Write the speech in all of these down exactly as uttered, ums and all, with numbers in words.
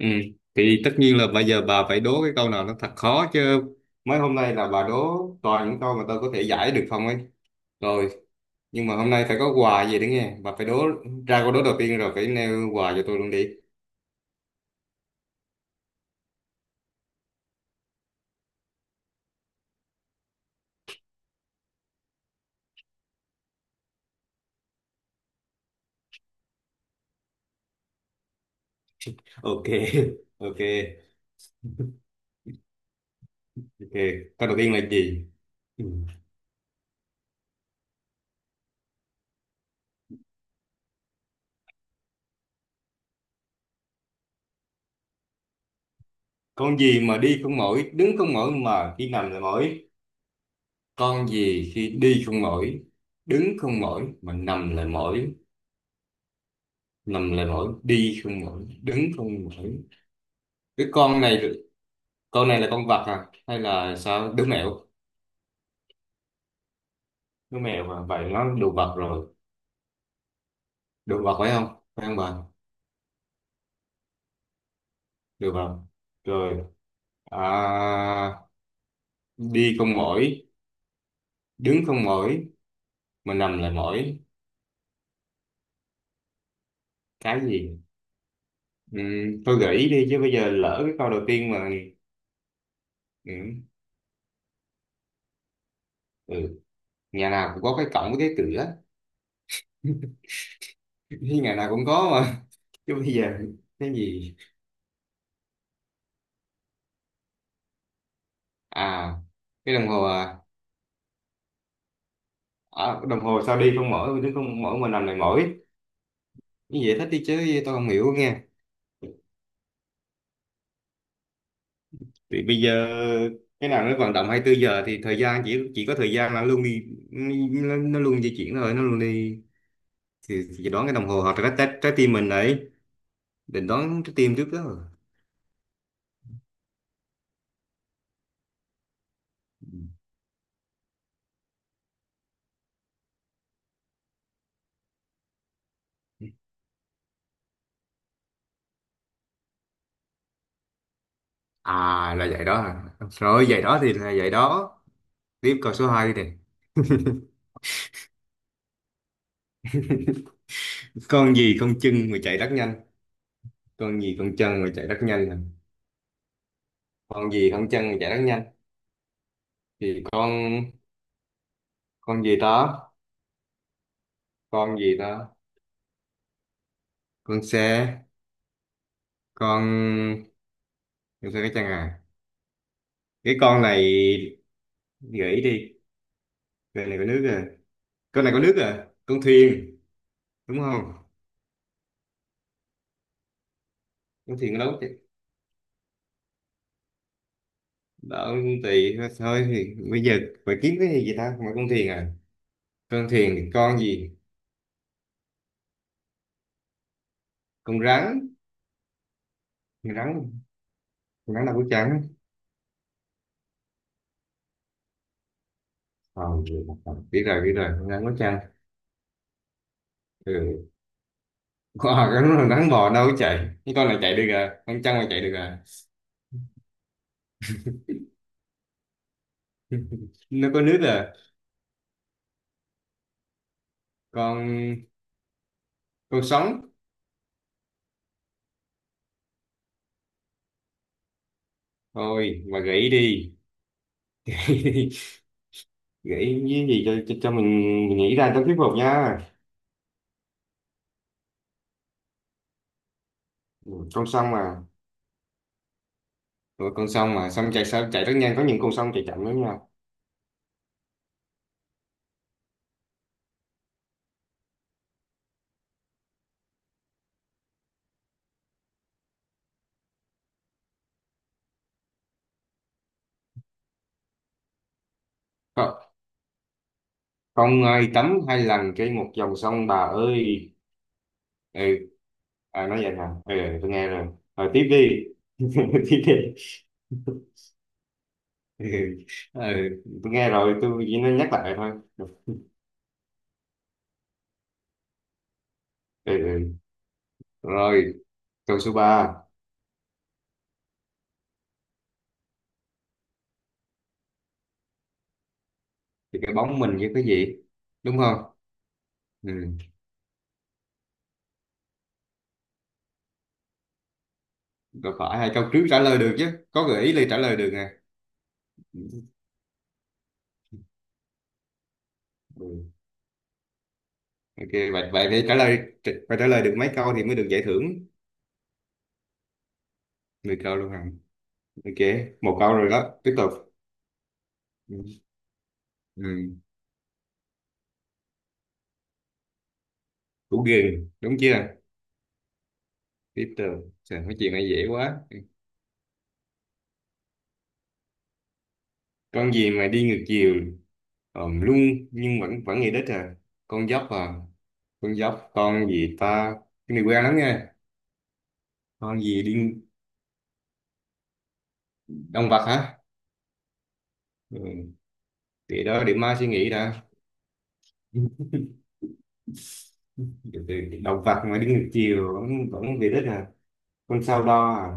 Ừ. Thì tất nhiên là bây giờ bà phải đố cái câu nào nó thật khó chứ, mấy hôm nay là bà đố toàn những câu mà tôi có thể giải được không ấy. Rồi nhưng mà hôm nay phải có quà gì đấy nghe, bà phải đố ra câu đố đầu tiên rồi phải nêu quà cho tôi luôn đi. Ok ok ok, câu đầu tiên là gì ừ. Con gì mà đi không mỏi, đứng không mỏi mà khi nằm lại mỏi? Con gì khi đi không mỏi, đứng không mỏi mà nằm lại mỏi? Nằm lại mỏi, đi không mỏi, đứng không mỏi. Cái con này, con này là con vật à hay là sao, đứa mèo? Đứa mèo mà vậy nó đồ vật rồi. Đồ vật phải không, phải không bà? Đồ vật rồi. à, Đi con mỏi, đứng con mỏi, mà nằm lại mỏi. Cái gì? ừ, tôi gợi ý đi chứ bây giờ lỡ cái câu đầu tiên mà. ừ, ừ. Nhà nào cũng có cái cổng với cái cửa. Thì ngày nào cũng có mà, chứ bây giờ cái gì? À, cái đồng hồ à? À đồng hồ, sao đi không mỏi, đứng không mỏi, mình nằm lại mỏi? Như vậy thích đi chứ tôi không hiểu nghe. Thì bây giờ cái nào nó vận động hai mươi tư giờ thì thời gian, chỉ chỉ có thời gian là luôn đi, nó, nó luôn di chuyển thôi, nó luôn đi. Thì, thì đoán cái đồng hồ hoặc là trái, trái, trái tim mình đấy, định đoán trái tim trước đó rồi. À là vậy đó à. Rồi vậy đó thì là vậy đó. Tiếp câu số hai đi nè. Con gì không chân mà chạy rất nhanh? Con gì không chân mà chạy rất nhanh nè? Con gì không chân mà chạy rất nhanh? Thì con con gì đó, con gì đó, con xe, con con xe cái chân à? Cái con này, gợi đi. Con này có nước à? Con này có nước à, con thuyền, đúng không? Con thuyền đâu chứ. Đó, tùy thôi. Thì bây giờ phải kiếm cái gì vậy ta, mà con thuyền à? Con thuyền thì con gì? Con rắn, con rắn. Con rắn đâu có trắng. Ờ, biết rồi biết rồi, con rắn có trăng. Ừ. Ờ, cái con rắn, rắn bò đâu có chạy, cái con này chạy được à, con trăng mà chạy được à? Nó có nước à? con con sống. Thôi mà gãy đi. Nghĩ cái gì cho, cho, cho mình, mình nghĩ ra cho thuyết phục nha. Ừ, con sông mà. Ừ, con sông mà sông chạy, sao chạy rất nhanh, có những con sông chạy chậm lắm nha. Không, không ai tắm hai lần trên một dòng sông bà ơi. Ừ. À, nói vậy hả, ừ, tôi nghe rồi. Rồi tiếp đi. Tiếp đi. Ừ, ừ, tôi nghe rồi, tôi chỉ nói nhắc lại thôi. Ừ, ừ. Rồi, câu số ba. Thì cái bóng mình với cái gì, đúng không? Ừ. Rồi, phải hai câu trước trả lời được chứ, có gợi ý là trả lời được nè. Ừ. Ok, vậy vậy phải trả lời, phải trả lời được mấy câu thì mới được giải thưởng. Mười câu luôn hả? Ok, một câu rồi đó. Tiếp tục. Ừ, ừ, củ gừng, đúng chưa? Tiếp tục. Trời, mấy chuyện này dễ quá. Con gì mà đi ngược chiều, ồm luôn, nhưng vẫn vẫn về đích à? Con dốc à? Con dốc, con gì ta? Cái này quen lắm nha. Con gì đi, động vật hả? Ừ, để đó để mai suy nghĩ đã. Từ từ, động vật mà đi ngược chiều vẫn vẫn về đích à? Con sao đo à?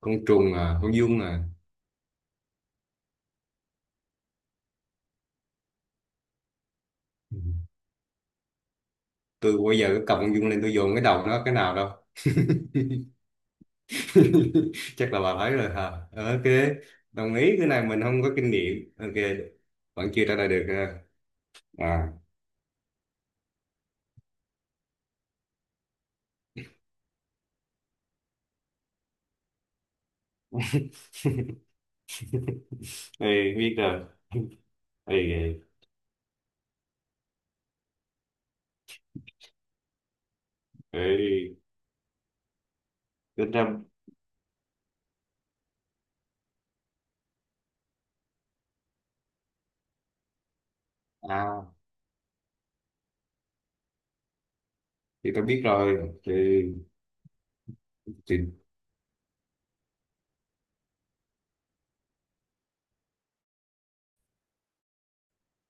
Con trùng à? Con giun à? Ừ. Tôi bây giờ cái cầm con Dung lên, tôi dồn cái đầu nó cái nào đâu. Chắc là bà thấy rồi hả. Ok, đồng ý, cái này mình không có kinh nghiệm, ok. Vẫn chưa trả lời được ha. À, ê, biết rồi. Ê, ê, ê, tính ra, à, thì tôi biết rồi. Thì, thì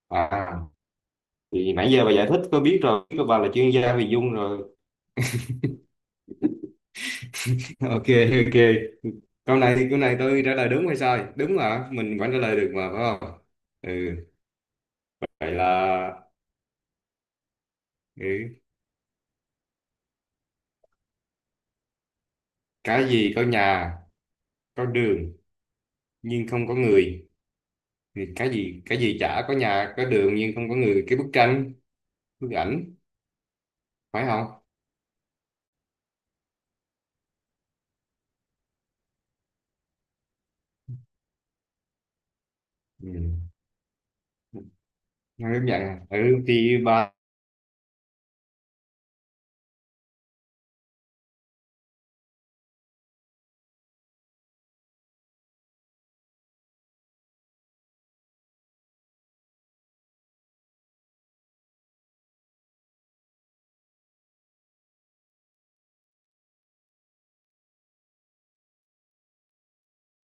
À, thì nãy giờ bà giải thích tôi biết rồi, biết bà là chuyên gia về dung rồi. Ok, ok, câu này, thì câu này tôi trả lời đúng hay sai, đúng mà mình vẫn trả lời được mà phải không? Ừ. Vậy là, ừ, cái gì có nhà có đường nhưng không có người? Thì cái gì, cái gì chả có nhà có đường nhưng không có người, cái bức tranh, bức ảnh, phải không? Ừ. Nói đúng vậy à. Ừ, thì ba,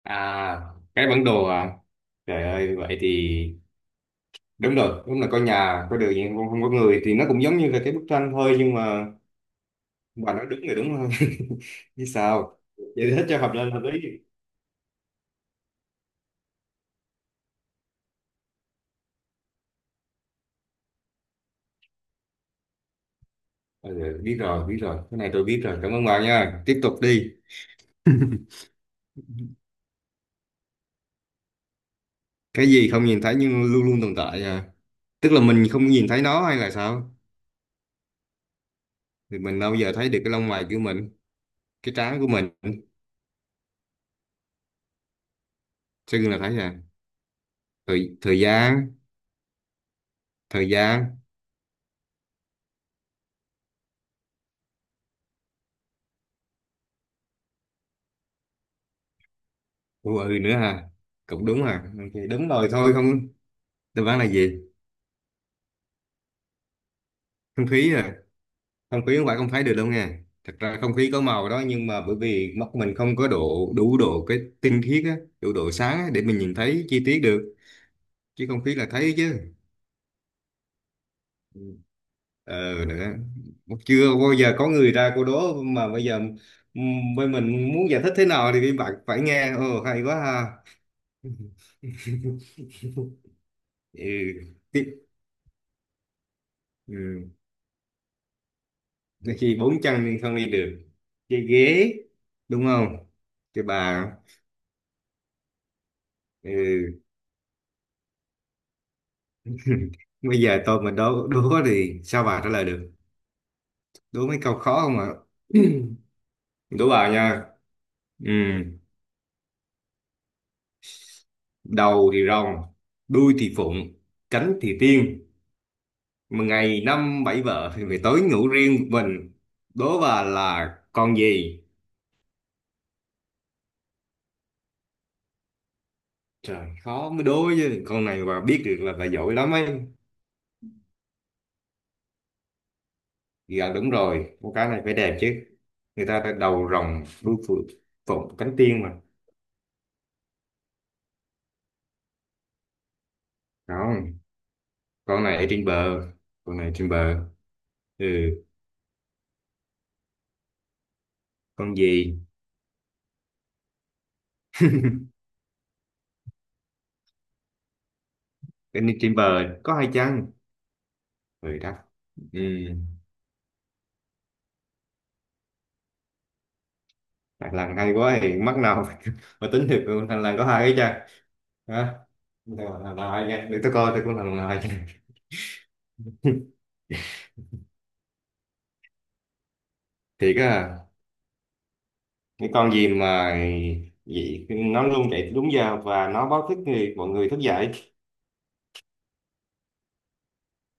à cái bản đồ à, trời ơi vậy thì đúng rồi, đúng là có nhà có đường nhưng không, không có người, thì nó cũng giống như là cái bức tranh thôi nhưng mà bà nói đúng rồi, đúng không? Chứ sao. Vậy hết cho hợp lên hợp lý. Ừ, biết rồi biết rồi, cái này tôi biết rồi, cảm ơn bà nha, tiếp tục đi. Cái gì không nhìn thấy nhưng luôn luôn tồn tại à? Tức là mình không nhìn thấy nó hay là sao? Thì mình đâu giờ thấy được cái lông mày của mình, cái trán của mình. Sao gương là thấy à? Thời thời gian, thời gian. Ủa, ừ nữa à, cũng đúng à? Ok, đúng rồi thôi không. Đáp án là gì? Không khí à? Không khí không phải không thấy được đâu nha, thật ra không khí có màu đó nhưng mà bởi vì mắt mình không có độ, đủ độ cái tinh khiết á, đủ độ sáng á, để mình nhìn thấy chi tiết được. Chứ không khí là thấy chứ. Ờ nữa, chưa bao giờ có người ra cô đố mà bây giờ, ừm, bên mình muốn giải thích thế nào thì bạn phải nghe, ồ hay quá ha. Ừ. Tiếp. Ừ. Khi bốn chân nhưng không đi được, cái ghế, đúng không? Cái bà. Ừ. Bây giờ tôi mà đố đố thì sao bà trả lời được, đố mấy câu khó không ạ? Đố bà nha. Ừ. Đầu thì rồng, đuôi thì phụng, cánh thì tiên, mà ngày năm bảy vợ thì phải tối ngủ riêng một mình. Đố bà là con gì? Trời, khó mới đố chứ, con này bà biết được là bà giỏi lắm ấy. Dạ đúng rồi, con cá này phải đẹp chứ, người ta đã đầu rồng đuôi phượng, phụng cánh tiên mà. Không, con này ở trên bờ. Con này trên bờ. Ừ. Con gì? Cái này trên bờ, có hai chân. Rồi đó. Ừ. Thằng lằn hay quá, thì mắc nào mà mà tính được thằng lằn có hai cái chân. Hả? Thằng lằn hai nha, để tôi coi, tôi cũng thằng lằn hai nha. Thiệt á? Cái con gì mà vậy, nó luôn chạy đúng giờ và nó báo thức người, mọi người thức dậy?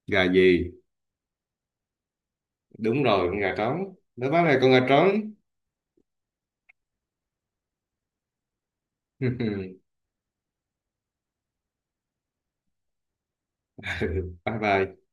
Gà gì? Đúng rồi, con gà trống đó, báo là con gà trống. Bye bye.